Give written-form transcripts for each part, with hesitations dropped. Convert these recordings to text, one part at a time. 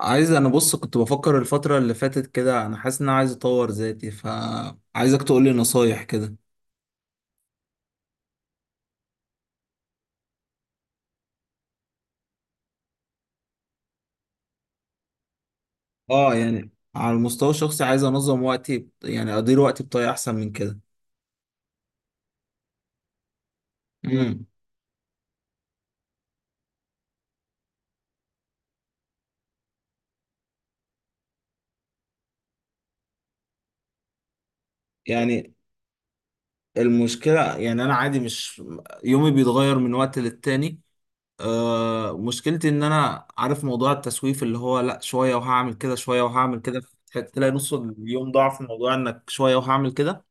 عايز انا بص، كنت بفكر الفترة اللي فاتت كده. انا حاسس ان انا عايز اطور ذاتي، فعايزك تقول لي نصايح كده. اه، يعني على المستوى الشخصي عايز انظم وقتي، يعني ادير وقتي بطريقة احسن من كده. امم. يعني المشكلة، يعني انا عادي، مش يومي بيتغير من وقت للتاني. آه، مشكلتي ان انا عارف موضوع التسويف اللي هو لا، شوية وهعمل كده، شوية وهعمل كده. تلاقي نص اليوم ضاع في موضوع انك شوية وهعمل كده.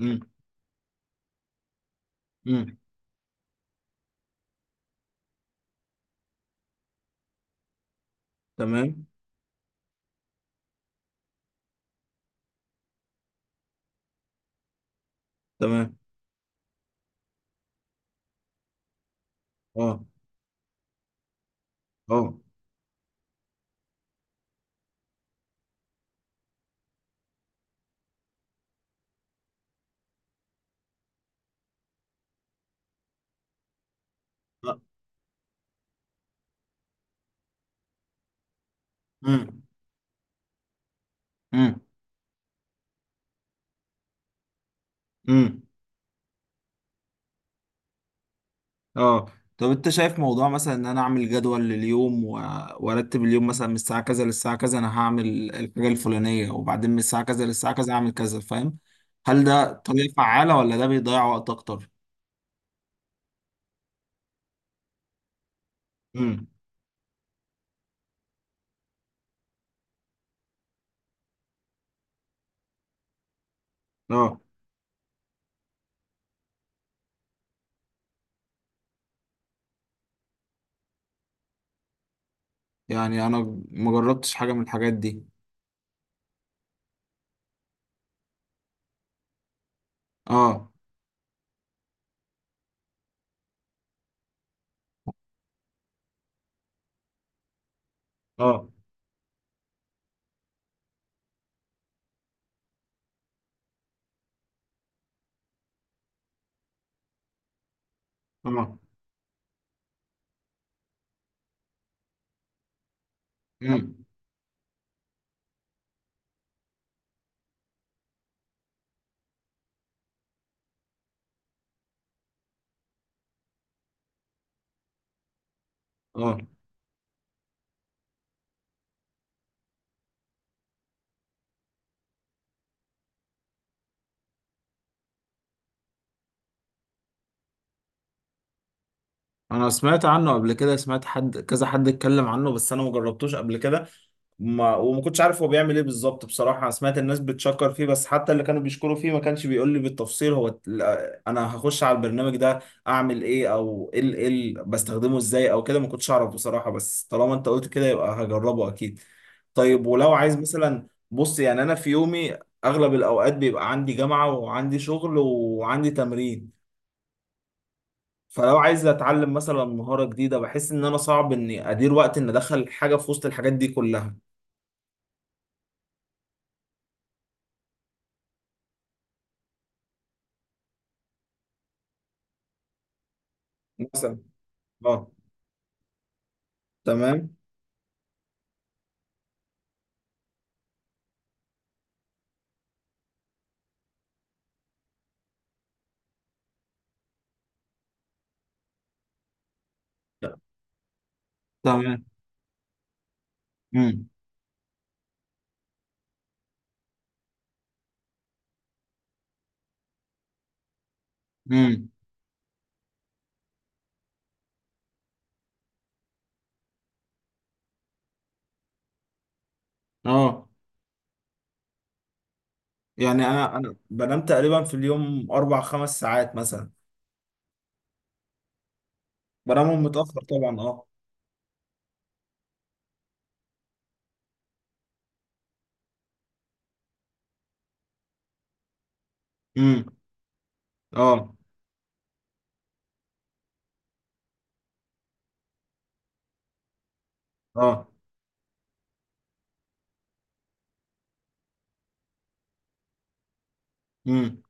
امم. امم. تمام. تمام. اه. اه. امم. امم. امم. اه. طب انت شايف موضوع مثلا ان انا اعمل جدول لليوم و... وارتب اليوم، مثلا من الساعه كذا للساعه كذا انا هعمل الحاجه الفلانيه، وبعدين من الساعه كذا للساعه كذا هعمل كذا، فاهم؟ هل ده طريقه فعاله ولا ده بيضيع وقت اكتر؟ امم. اه، يعني انا ما جربتش حاجه من الحاجات دي. اه. اه. اه. امم. اه. انا سمعت عنه قبل كده، سمعت حد كذا حد اتكلم عنه، بس انا ما جربتوش قبل كده. ما وما كنتش عارف هو بيعمل ايه بالظبط بصراحه. انا سمعت الناس بتشكر فيه، بس حتى اللي كانوا بيشكروا فيه ما كانش بيقول لي بالتفصيل. هو لا، انا هخش على البرنامج ده اعمل ايه، او ايه بستخدمه ازاي او كده. ما كنتش اعرف بصراحه، بس طالما انت قلت كده يبقى هجربه اكيد. طيب، ولو عايز مثلا، بص يعني انا في يومي اغلب الاوقات بيبقى عندي جامعه وعندي شغل وعندي تمرين، فلو عايز اتعلم مثلا مهاره جديده بحس ان انا صعب اني ادير وقت ان ادخل حاجه في وسط الحاجات دي كلها. مثلا. اه. تمام. تمام. امم. امم. اه، يعني انا بنام تقريبا في اليوم اربع خمس ساعات مثلا. بنامهم متاخر طبعا، اه. امم. اه. اه. امم.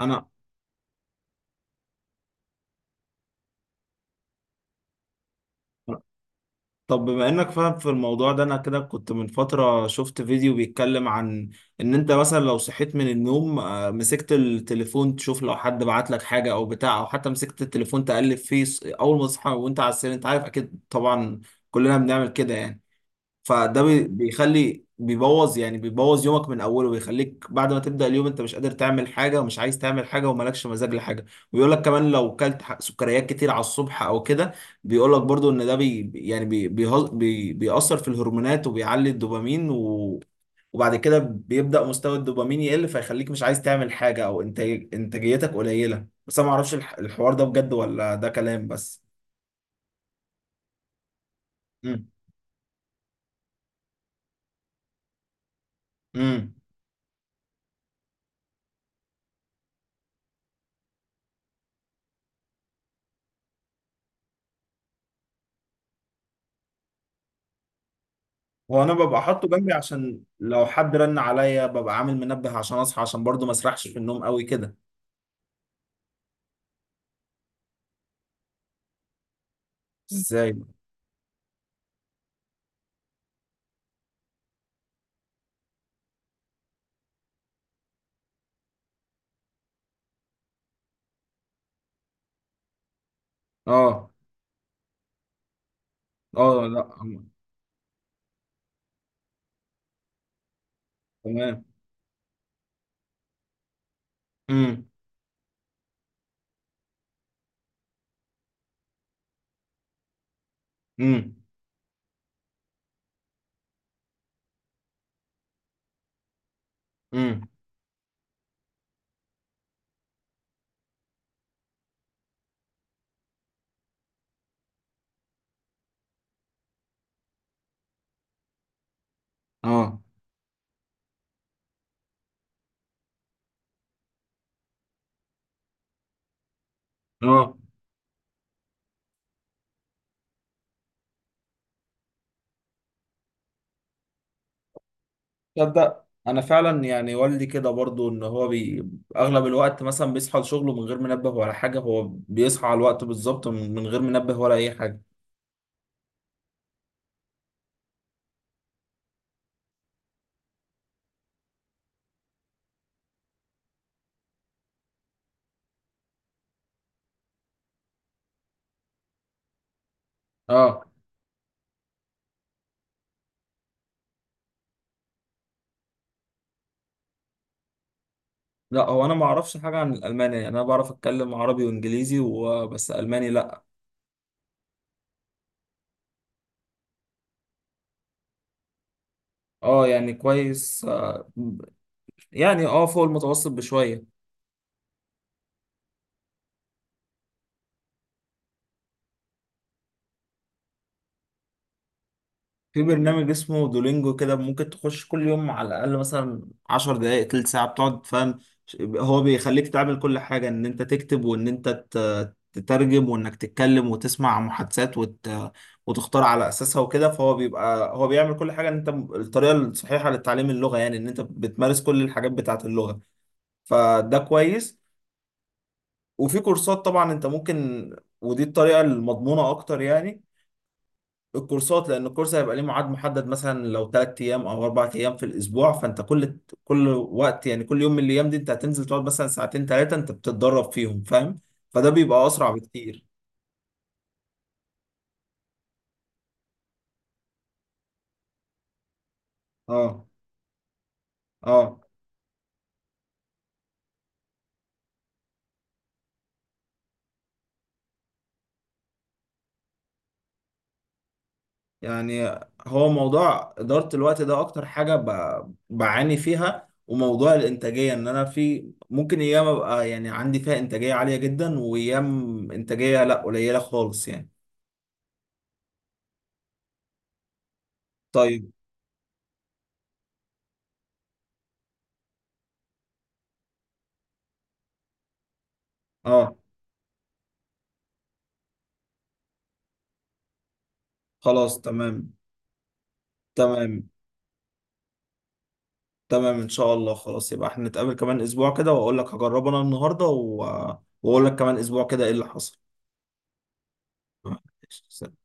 انا طب بما انك فاهم في الموضوع ده، انا كده كنت من فترة شفت فيديو بيتكلم عن ان انت مثلا لو صحيت من النوم، مسكت التليفون تشوف لو حد بعت لك حاجة او بتاع، او حتى مسكت التليفون تقلب فيه، اول ما تصحى وانت على السرير، انت عارف اكيد طبعا، كلنا بنعمل كده يعني. فده بي- بيخلي بيبوظ يومك من اوله، ويخليك بعد ما تبدأ اليوم انت مش قادر تعمل حاجه، ومش عايز تعمل حاجه، ومالكش مزاج لحاجه. ويقول لك كمان لو كلت سكريات كتير على الصبح او كده، بيقول لك برضو ان ده بي يعني بي بيهز- بي بيأثر في الهرمونات وبيعلي الدوبامين، و وبعد كده بيبدأ مستوى الدوبامين يقل، فيخليك مش عايز تعمل حاجه، او انتاجيتك قليله. بس انا ما اعرفش الحوار ده بجد ولا ده كلام بس. امم. وانا ببقى حاطه جنبي عشان لو حد رن عليا، ببقى عامل منبه عشان اصحى، عشان برضو ما اسرحش في النوم قوي كده. ازاي؟ اه. اه. لا. تمام. امم. امم. امم. اه. اه. تصدق انا فعلا يعني والدي كده برضو ان هو اغلب الوقت مثلا بيصحى لشغله من غير منبه ولا حاجه، هو بيصحى على الوقت بالظبط من غير منبه ولا اي حاجه. اه، لا هو انا ما اعرفش حاجه عن الالماني، يعني انا بعرف اتكلم عربي وانجليزي وبس، الماني لا. اه يعني كويس، يعني اه فوق المتوسط بشوية. في برنامج اسمه دولينجو كده، ممكن تخش كل يوم على الأقل مثلا 10 دقايق تلت ساعة بتقعد فاهم. هو بيخليك تعمل كل حاجة، إن أنت تكتب وإن أنت تترجم وإنك تتكلم وتسمع محادثات وتختار على أساسها وكده. فهو بيبقى، هو بيعمل كل حاجة، إن أنت الطريقة الصحيحة لتعليم اللغة، يعني إن أنت بتمارس كل الحاجات بتاعة اللغة. فده كويس. وفي كورسات طبعا انت ممكن، ودي الطريقه المضمونه اكتر يعني، الكورسات، لان الكورس هيبقى ليه ميعاد محدد مثلا لو 3 ايام او 4 ايام في الاسبوع، فانت كل وقت يعني كل يوم من الايام دي انت هتنزل تقعد مثلا ساعتين ثلاثه انت بتتدرب فيهم فاهم. فده بيبقى اسرع بكتير. اه. اه، يعني هو موضوع إدارة الوقت ده أكتر حاجة بعاني فيها، وموضوع الإنتاجية، إن أنا في ممكن أيام أبقى يعني عندي فيها إنتاجية عالية جدا، وأيام إنتاجية لأ، قليلة خالص يعني. طيب. أه. خلاص تمام. تمام. تمام إن شاء الله، خلاص يبقى إحنا نتقابل كمان أسبوع كده، وأقول لك هجربه أنا النهاردة وأقول لك كمان أسبوع كده إيه اللي حصل. آه، ماشي.